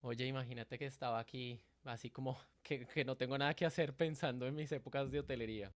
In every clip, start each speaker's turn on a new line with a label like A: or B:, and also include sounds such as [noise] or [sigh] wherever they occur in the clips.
A: Oye, imagínate que estaba aquí, así como [laughs] que no tengo nada que hacer pensando en mis épocas de hotelería.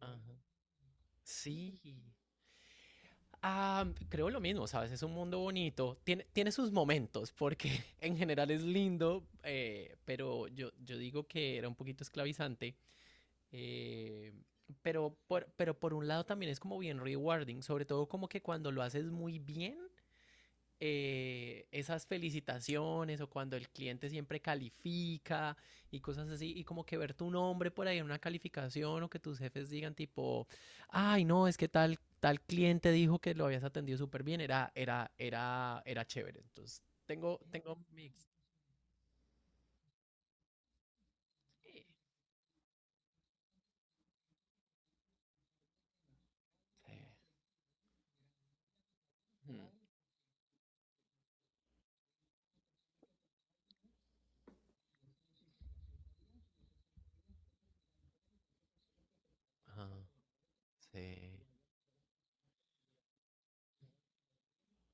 A: Ajá. Sí. Ah, creo lo mismo, ¿sabes? Es un mundo bonito. Tiene sus momentos, porque [laughs] en general es lindo, pero yo digo que era un poquito esclavizante. eh, pero por un lado también es como bien rewarding, sobre todo como que cuando lo haces muy bien, esas felicitaciones o cuando el cliente siempre califica y cosas así, y como que ver tu nombre por ahí en una calificación o que tus jefes digan tipo, ay, no, es que tal cliente dijo que lo habías atendido súper bien, era chévere. Entonces, tengo mix. Sí. Mm. Ajá. Sí.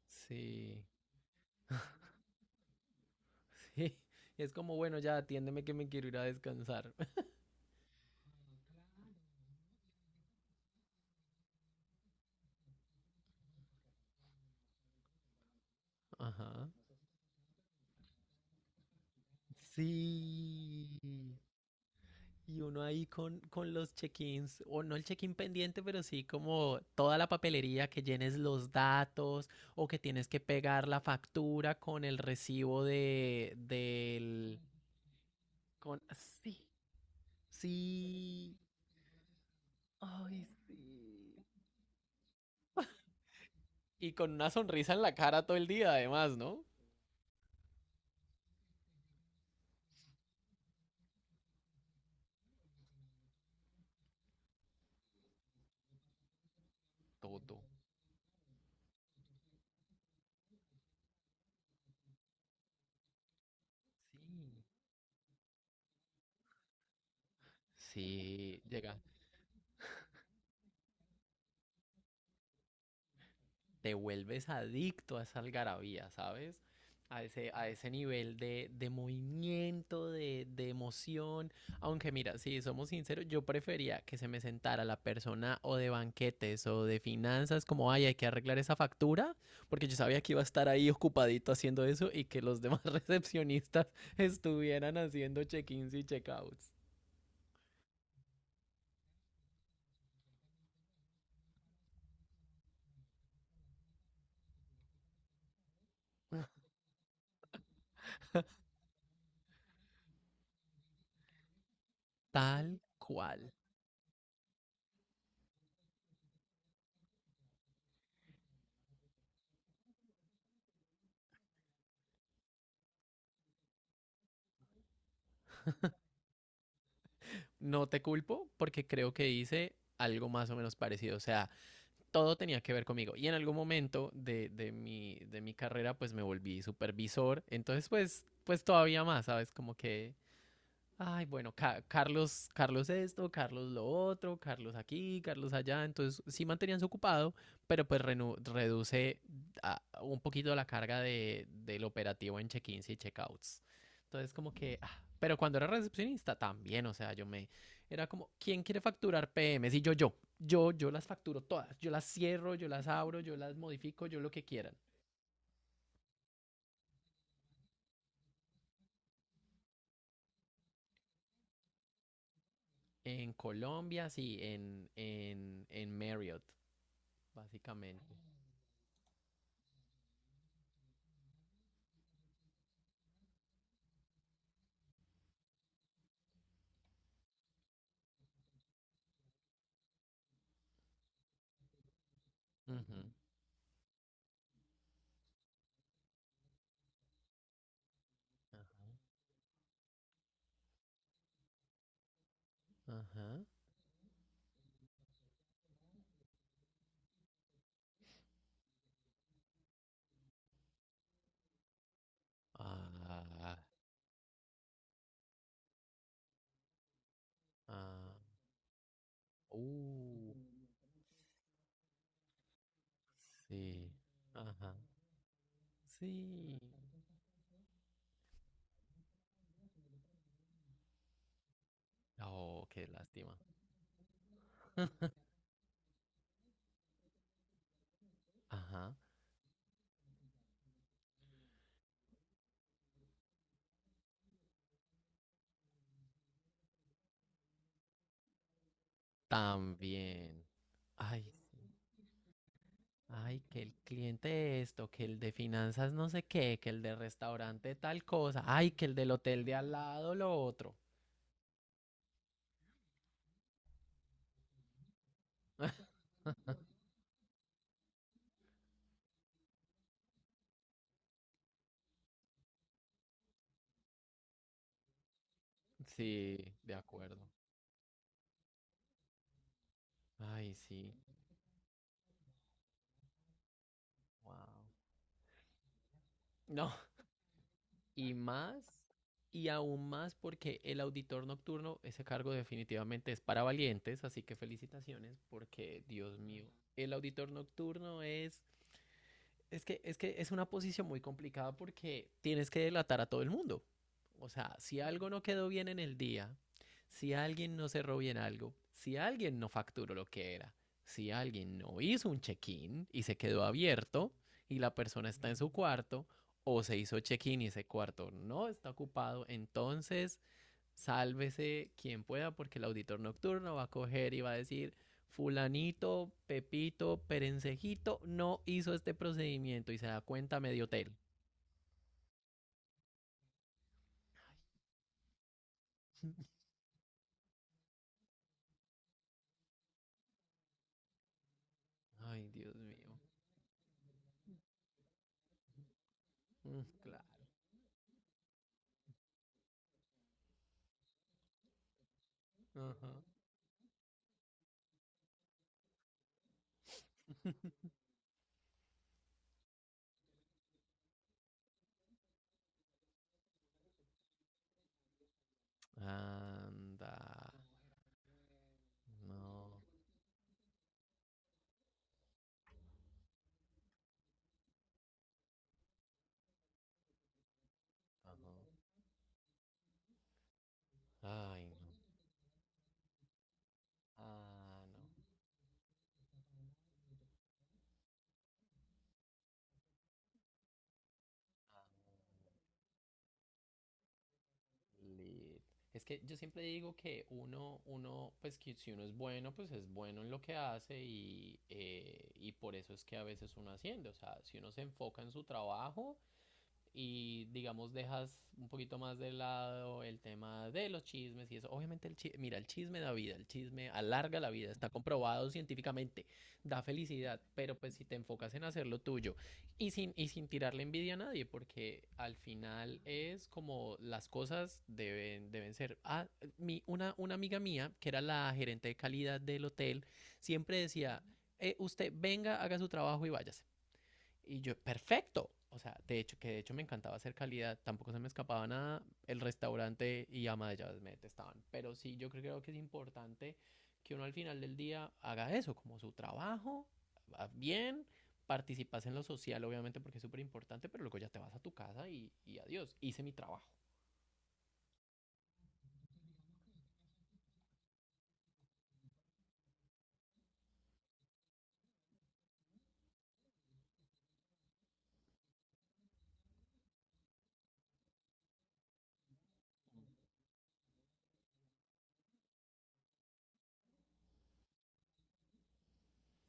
A: Sí. Sí. [laughs] Es como, bueno, ya atiéndeme que me quiero ir a descansar. [laughs] Ajá. Sí. Y uno ahí con los check-ins, o no el check-in pendiente, pero sí como toda la papelería que llenes los datos o que tienes que pegar la factura con el recibo del, con, sí, sí, ay, sí. Y con una sonrisa en la cara todo el día, además, ¿no? Todo. Sí, sí, llega. Te vuelves adicto a esa algarabía, ¿sabes? A ese nivel de movimiento, de emoción. Aunque mira, si somos sinceros, yo prefería que se me sentara la persona o de banquetes o de finanzas, como, ay, hay que arreglar esa factura, porque yo sabía que iba a estar ahí ocupadito haciendo eso y que los demás [laughs] recepcionistas estuvieran haciendo check-ins y check-outs. Tal cual. No te culpo porque creo que hice algo más o menos parecido. O sea, todo tenía que ver conmigo. Y en algún momento de mi carrera, pues me volví supervisor. Entonces, pues todavía más, ¿sabes? Como que, ay, bueno, Carlos, Carlos esto, Carlos lo otro, Carlos aquí, Carlos allá. Entonces sí mantenían su ocupado, pero pues reduce un poquito la carga del operativo en check-ins y check-outs. Entonces como que, ah, pero cuando era recepcionista también, o sea, era como, ¿quién quiere facturar PMs? Y yo las facturo todas, yo las cierro, yo las abro, yo las modifico, yo lo que quieran. En Colombia, sí, en Marriott, básicamente. Ujú. Ajá, ajá. Ah, ah, uh, sí, ajá, sí. Oh, qué lástima. Ajá, también. Ay, sí, ay, que el cliente esto, que el de finanzas no sé qué, que el de restaurante tal cosa, ay, que el del hotel de al lado lo otro. Sí, de acuerdo. Ay, sí. Wow. No, y más, y aún más porque el auditor nocturno, ese cargo definitivamente es para valientes, así que felicitaciones porque, Dios mío, el auditor nocturno es que es una posición muy complicada porque tienes que delatar a todo el mundo. O sea, si algo no quedó bien en el día, si alguien no cerró bien algo, si alguien no facturó lo que era, si alguien no hizo un check-in y se quedó abierto y la persona está en su cuarto, o se hizo check-in y ese cuarto no está ocupado, entonces sálvese quien pueda, porque el auditor nocturno va a coger y va a decir, fulanito, pepito, perencejito, no hizo este procedimiento y se da cuenta medio hotel. Ay, Dios mío. Mm, claro. Ajá. Anda. No. Ajá. Ay, no. Ah, no. Ah, no. Lit. Es que yo siempre digo que uno, pues que si uno es bueno, pues es bueno en lo que hace y por eso es que a veces uno haciendo, o sea, si uno se enfoca en su trabajo, y digamos dejas un poquito más de lado el tema de los chismes y eso. Obviamente el chisme, mira, el chisme da vida, el chisme alarga la vida, está comprobado científicamente, da felicidad, pero pues si te enfocas en hacer lo tuyo y sin tirarle envidia a nadie, porque al final es como las cosas deben ser. Ah, una amiga mía, que era la gerente de calidad del hotel, siempre decía, usted venga, haga su trabajo y váyase. Y yo, perfecto. O sea, de hecho, que de hecho me encantaba hacer calidad, tampoco se me escapaba nada. El restaurante y ama de llaves me detestaban. Pero sí, yo creo, que es importante que uno al final del día haga eso, como su trabajo, va bien, participas en lo social, obviamente, porque es súper importante, pero luego ya te vas a tu casa y adiós, hice mi trabajo.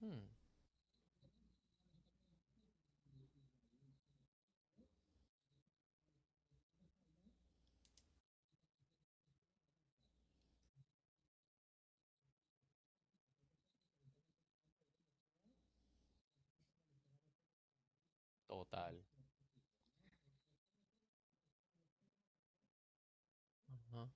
A: Hmm. Total. Ajá.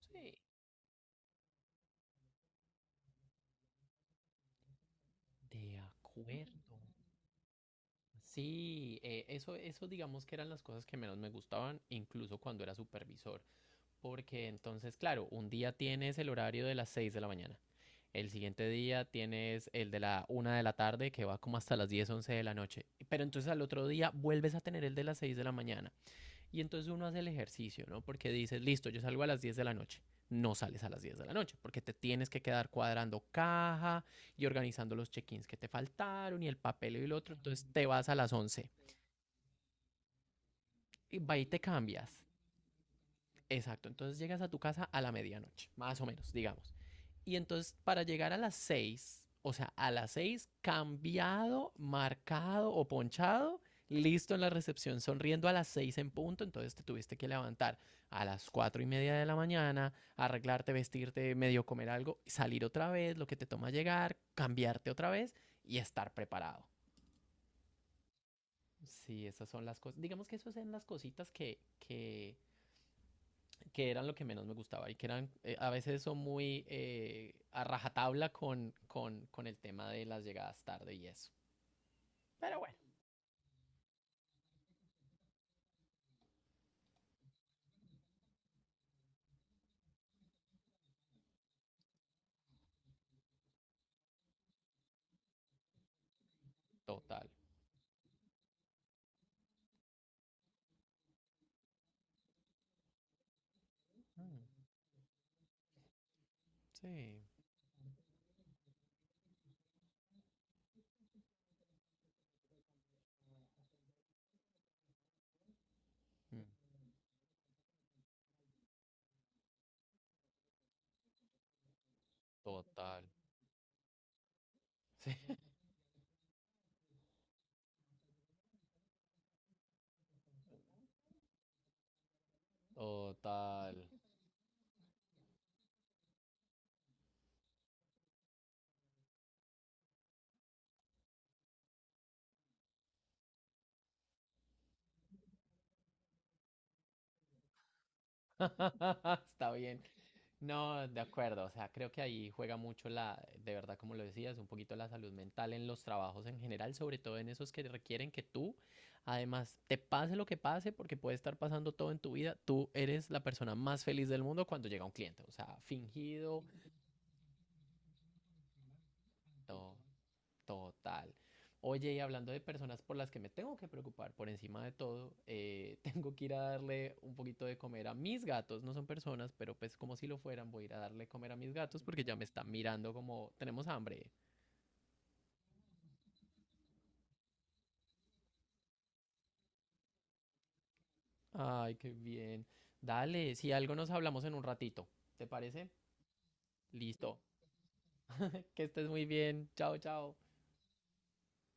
A: Sí, de acuerdo. Sí, eso digamos que eran las cosas que menos me gustaban, incluso cuando era supervisor. Porque entonces, claro, un día tienes el horario de las 6 de la mañana. El siguiente día tienes el de la 1 de la tarde que va como hasta las 10, 11 de la noche. Pero entonces al otro día vuelves a tener el de las 6 de la mañana. Y entonces uno hace el ejercicio, ¿no? Porque dices, listo, yo salgo a las 10 de la noche. No sales a las 10 de la noche porque te tienes que quedar cuadrando caja y organizando los check-ins que te faltaron y el papel y el otro. Entonces te vas a las 11. Y va y te cambias. Exacto, entonces llegas a tu casa a la medianoche, más o menos, digamos. Y entonces para llegar a las 6, o sea, a las 6 cambiado, marcado o ponchado, listo en la recepción, sonriendo a las 6 en punto, entonces te tuviste que levantar a las 4:30 de la mañana, arreglarte, vestirte, medio comer algo, salir otra vez, lo que te toma llegar, cambiarte otra vez y estar preparado. Sí, esas son las cosas. Digamos que esas son las cositas que eran lo que menos me gustaba y que eran, a veces son muy a rajatabla con el tema de las llegadas tarde y eso. Pero bueno. Total. Mm. Sí. Mm. Total. [laughs] Sí. Total. [laughs] Está bien. No, de acuerdo. O sea, creo que ahí juega mucho la, de verdad, como lo decías, un poquito la salud mental en los trabajos en general, sobre todo en esos que requieren que tú, además, te pase lo que pase, porque puede estar pasando todo en tu vida, tú eres la persona más feliz del mundo cuando llega un cliente. O sea, fingido, no, total. Oye, y hablando de personas por las que me tengo que preocupar, por encima de todo, [laughs] tengo que ir a darle un poquito de comer a mis gatos. No son personas, pero pues como si lo fueran, voy a ir a darle comer a mis gatos porque ya me están mirando como tenemos hambre. Ay, qué bien. Dale, si algo nos hablamos en un ratito. ¿Te parece? Listo. Que estés muy bien. Chao, chao.